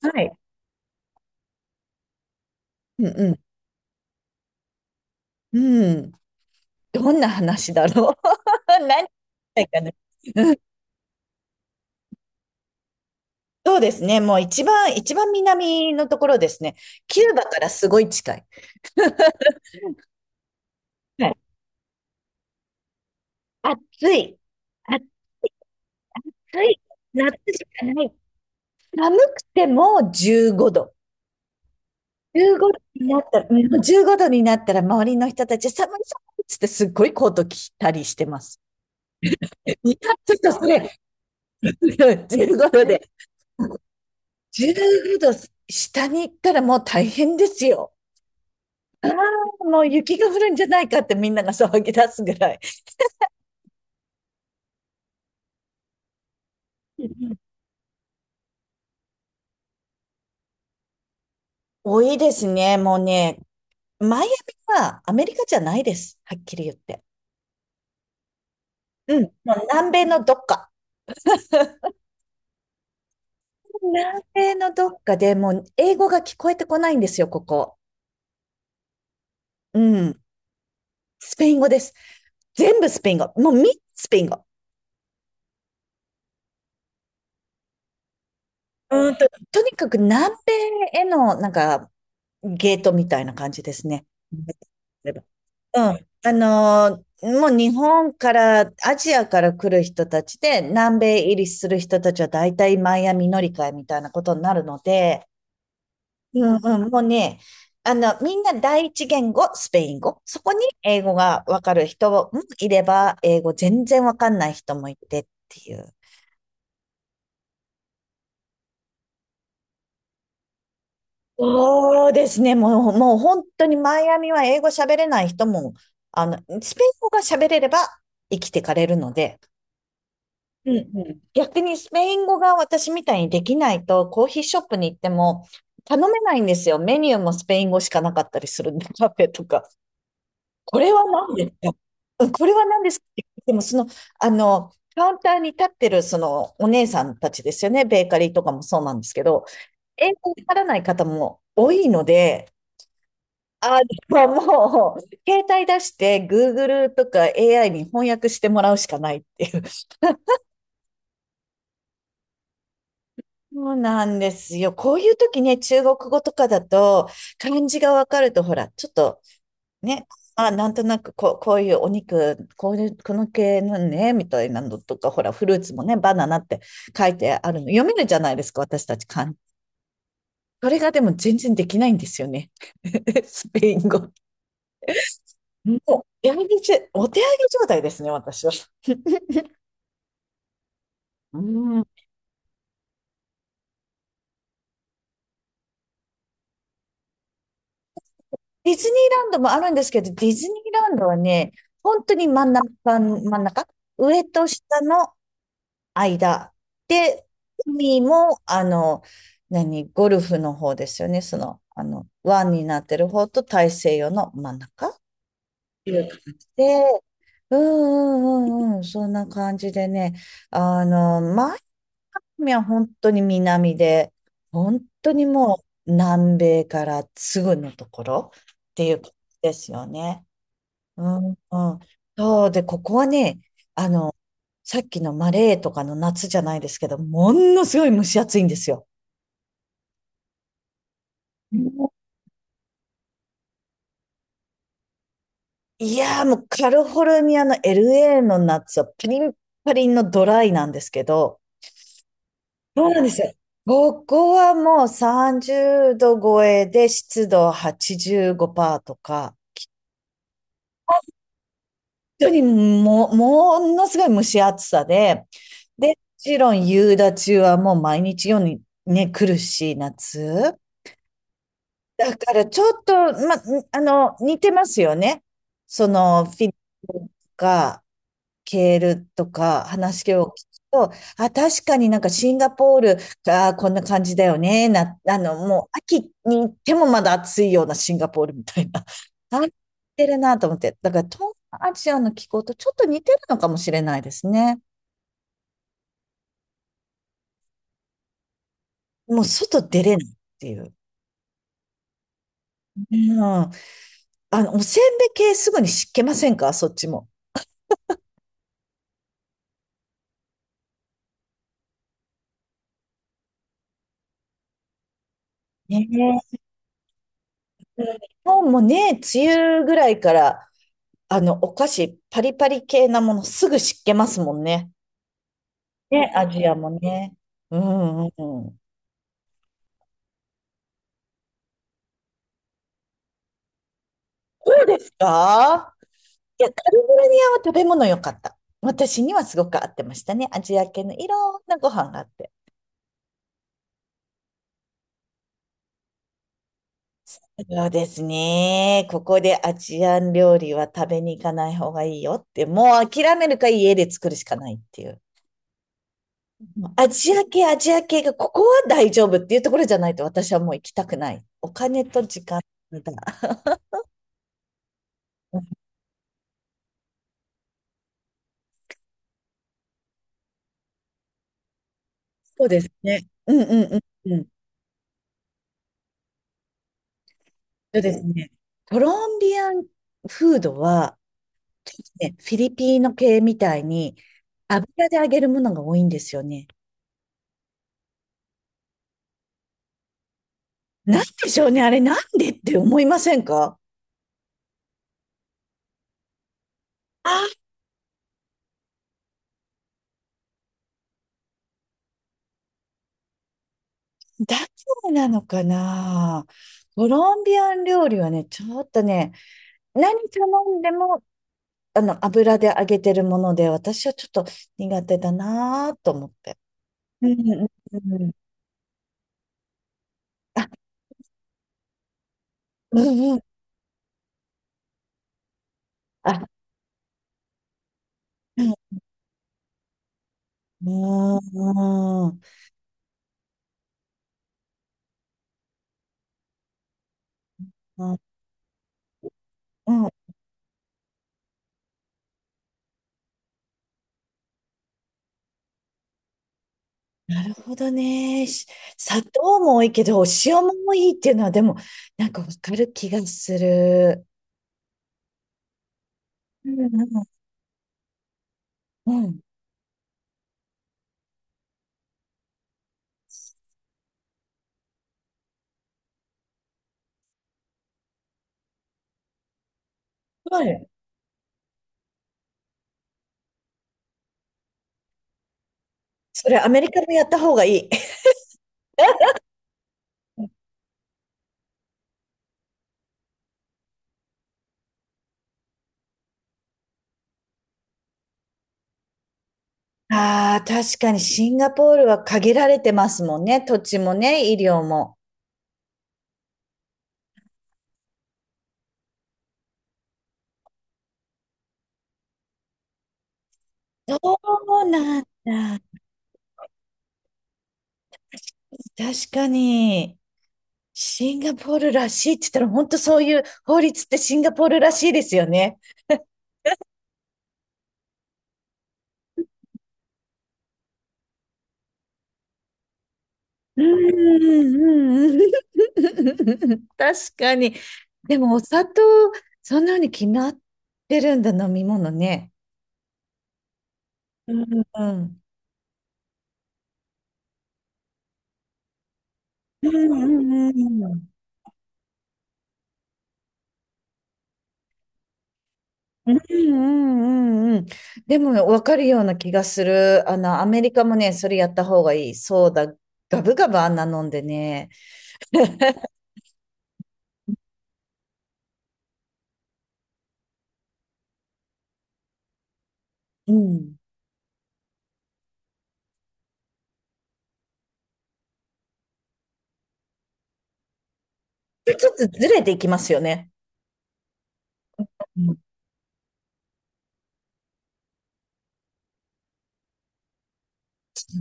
はい。うんうん。うん。どんな話だろう。 何たいかな。うん。そうですね。もう一番、南のところですね。キューバからすごい近い。はい。暑い。暑い。夏しかない。寒くても15度。15度になったら、もう15度になったら周りの人たち寒い寒いっつってすっごいコート着たりしてます。いや、ちょっとそれ、15度で。15度下に行ったらもう大変ですよ。ああ、もう雪が降るんじゃないかってみんなが騒ぎ出すぐらい。多いですね、もうね。マイアミはアメリカじゃないです。はっきり言って。うん。もう南米のどっか。南米のどっかでもう英語が聞こえてこないんですよ、ここ。うん。スペイン語です。全部スペイン語。もうみんなスペイン語。うんと、とにかく南米へのなんかゲートみたいな感じですね。うん。もう日本から、アジアから来る人たちで、南米入りする人たちは大体マイアミ乗り換えみたいなことになるので、うんうん、もうね、あの、みんな第一言語、スペイン語。そこに英語がわかる人もいれば、英語全然わかんない人もいてっていう。そうですね。もう本当にマイアミは英語喋れない人も、あの、スペイン語が喋れれば生きてかれるので、うんうん、逆にスペイン語が私みたいにできないと、コーヒーショップに行っても頼めないんですよ。メニューもスペイン語しかなかったりするんで、カフェとか。これは何ですか、うん、これは何ですかって言っても、その、あの、カウンターに立ってる、その、お姉さんたちですよね。ベーカリーとかもそうなんですけど、英語わからない方も多いので、あ、でももう、携帯出して Google とか AI に翻訳してもらうしかないっていう。そうなんですよ。こういう時ね、中国語とかだと、漢字がわかると、ほら、ちょっとね、あ、なんとなくこう、こういうお肉、こういう、この系のね、みたいなのとか、ほら、フルーツもね、バナナって書いてあるの。読めるじゃないですか、私たち漢字。それがでも全然できないんですよね。スペイン語。もう、やめて、お手上げ状態ですね、私は。うん、ディズニーランドもあるんですけど、ディズニーランドはね、本当に真ん中、真ん中、上と下の間。で、海も、あの、何、ゴルフの方ですよね。その、あの、湾になってる方と大西洋の真ん中っていう感じで、うんうんうんうん、そんな感じでね、あの、前ミは本当に南で、本当にもう南米からすぐのところっていう感じですよね。うん、うん。そうで、ここはね、あの、さっきのマレーとかの夏じゃないですけど、ものすごい蒸し暑いんですよ。もう、いやー、もうカリフォルニアの LA の夏はパリンパリンのドライなんですけど、そうなんですよ。ここはもう30度超えで湿度85%とか、当にも、ものすごい蒸し暑さで、で、もちろん夕立はもう毎日ようにね、来るし、夏。だからちょっと、ま、あの、似てますよね。その、フィリピンか、ケールとか話を聞くと、あ、確かになんかシンガポールがこんな感じだよね。な、あの、もう秋に行ってもまだ暑いようなシンガポールみたいな。あ、似てるなと思って。だから東南アジアの気候とちょっと似てるのかもしれないですね。もう外出れないっていう。うん。あの、おせんべい系すぐに湿気ませんか、そっちも。ねえ。うん、日本もね、梅雨ぐらいから、あの、お菓子、パリパリ系なものすぐ湿気ますもんね。ね、アジアもね。うんうんうん。どうですか？いや、カリフォルニアは食べ物良かった。私にはすごく合ってましたね。アジア系のいろんなご飯があって。そうですね。ここでアジアン料理は食べに行かない方がいいよって、もう諦めるか家で作るしかないっていう。アジア系、アジア系がここは大丈夫っていうところじゃないと私はもう行きたくない。お金と時間だ。うん、そうですね。うんうんうんうん。そうですね。コロンビアンフードは、ちょっとね、フィリピーノ系みたいに油で揚げるものが多いんですよね。なんでしょうね、あれなんでって思いませんか？あ、だからなのかな。コロンビアン料理はね、ちょっとね、何頼んでも、あの、油で揚げてるもので、私はちょっと苦手だなと思って。うんうんうん。あ、うんうん。あ、うん。うん。うん、なるほどね。し砂糖も多いけど、お塩も多いっていうのは、でも、なんかわかる気がする。うんうんうん。はい。それ、アメリカもやった方がいい。ああ、確かにシンガポールは限られてますもんね。土地もね、医療も。そうなんだ。確かに、シンガポールらしいって言ったら、本当そういう法律ってシンガポールらしいですよね。うんうんうん。 確かに。でもお砂糖、そんなに決まってるんだ、飲み物ね。うんうんうんうんうんうんうんうん。でも分かるような気がする。あの、アメリカもね、それやった方がいい。そうだ、ガブガブあんな飲んでね。うん。ちょっとずれていきますよね。うん、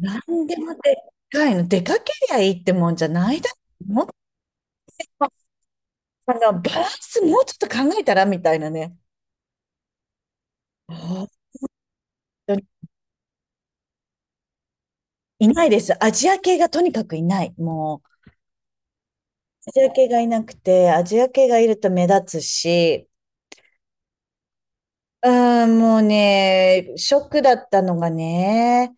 なんでもでっかいの。出かけりゃいいってもんじゃないだろう。あの、バランスもうちょっと考えたらみたいなね。本当にいないです。アジア系がとにかくいない。もう、アジア系がいなくて、アジア系がいると目立つし、うーん、もうね、ショックだったのがね、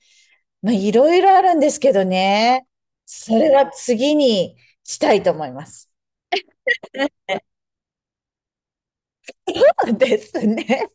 まあ、いろいろあるんですけどね、それは次にしたいと思います。そうですね。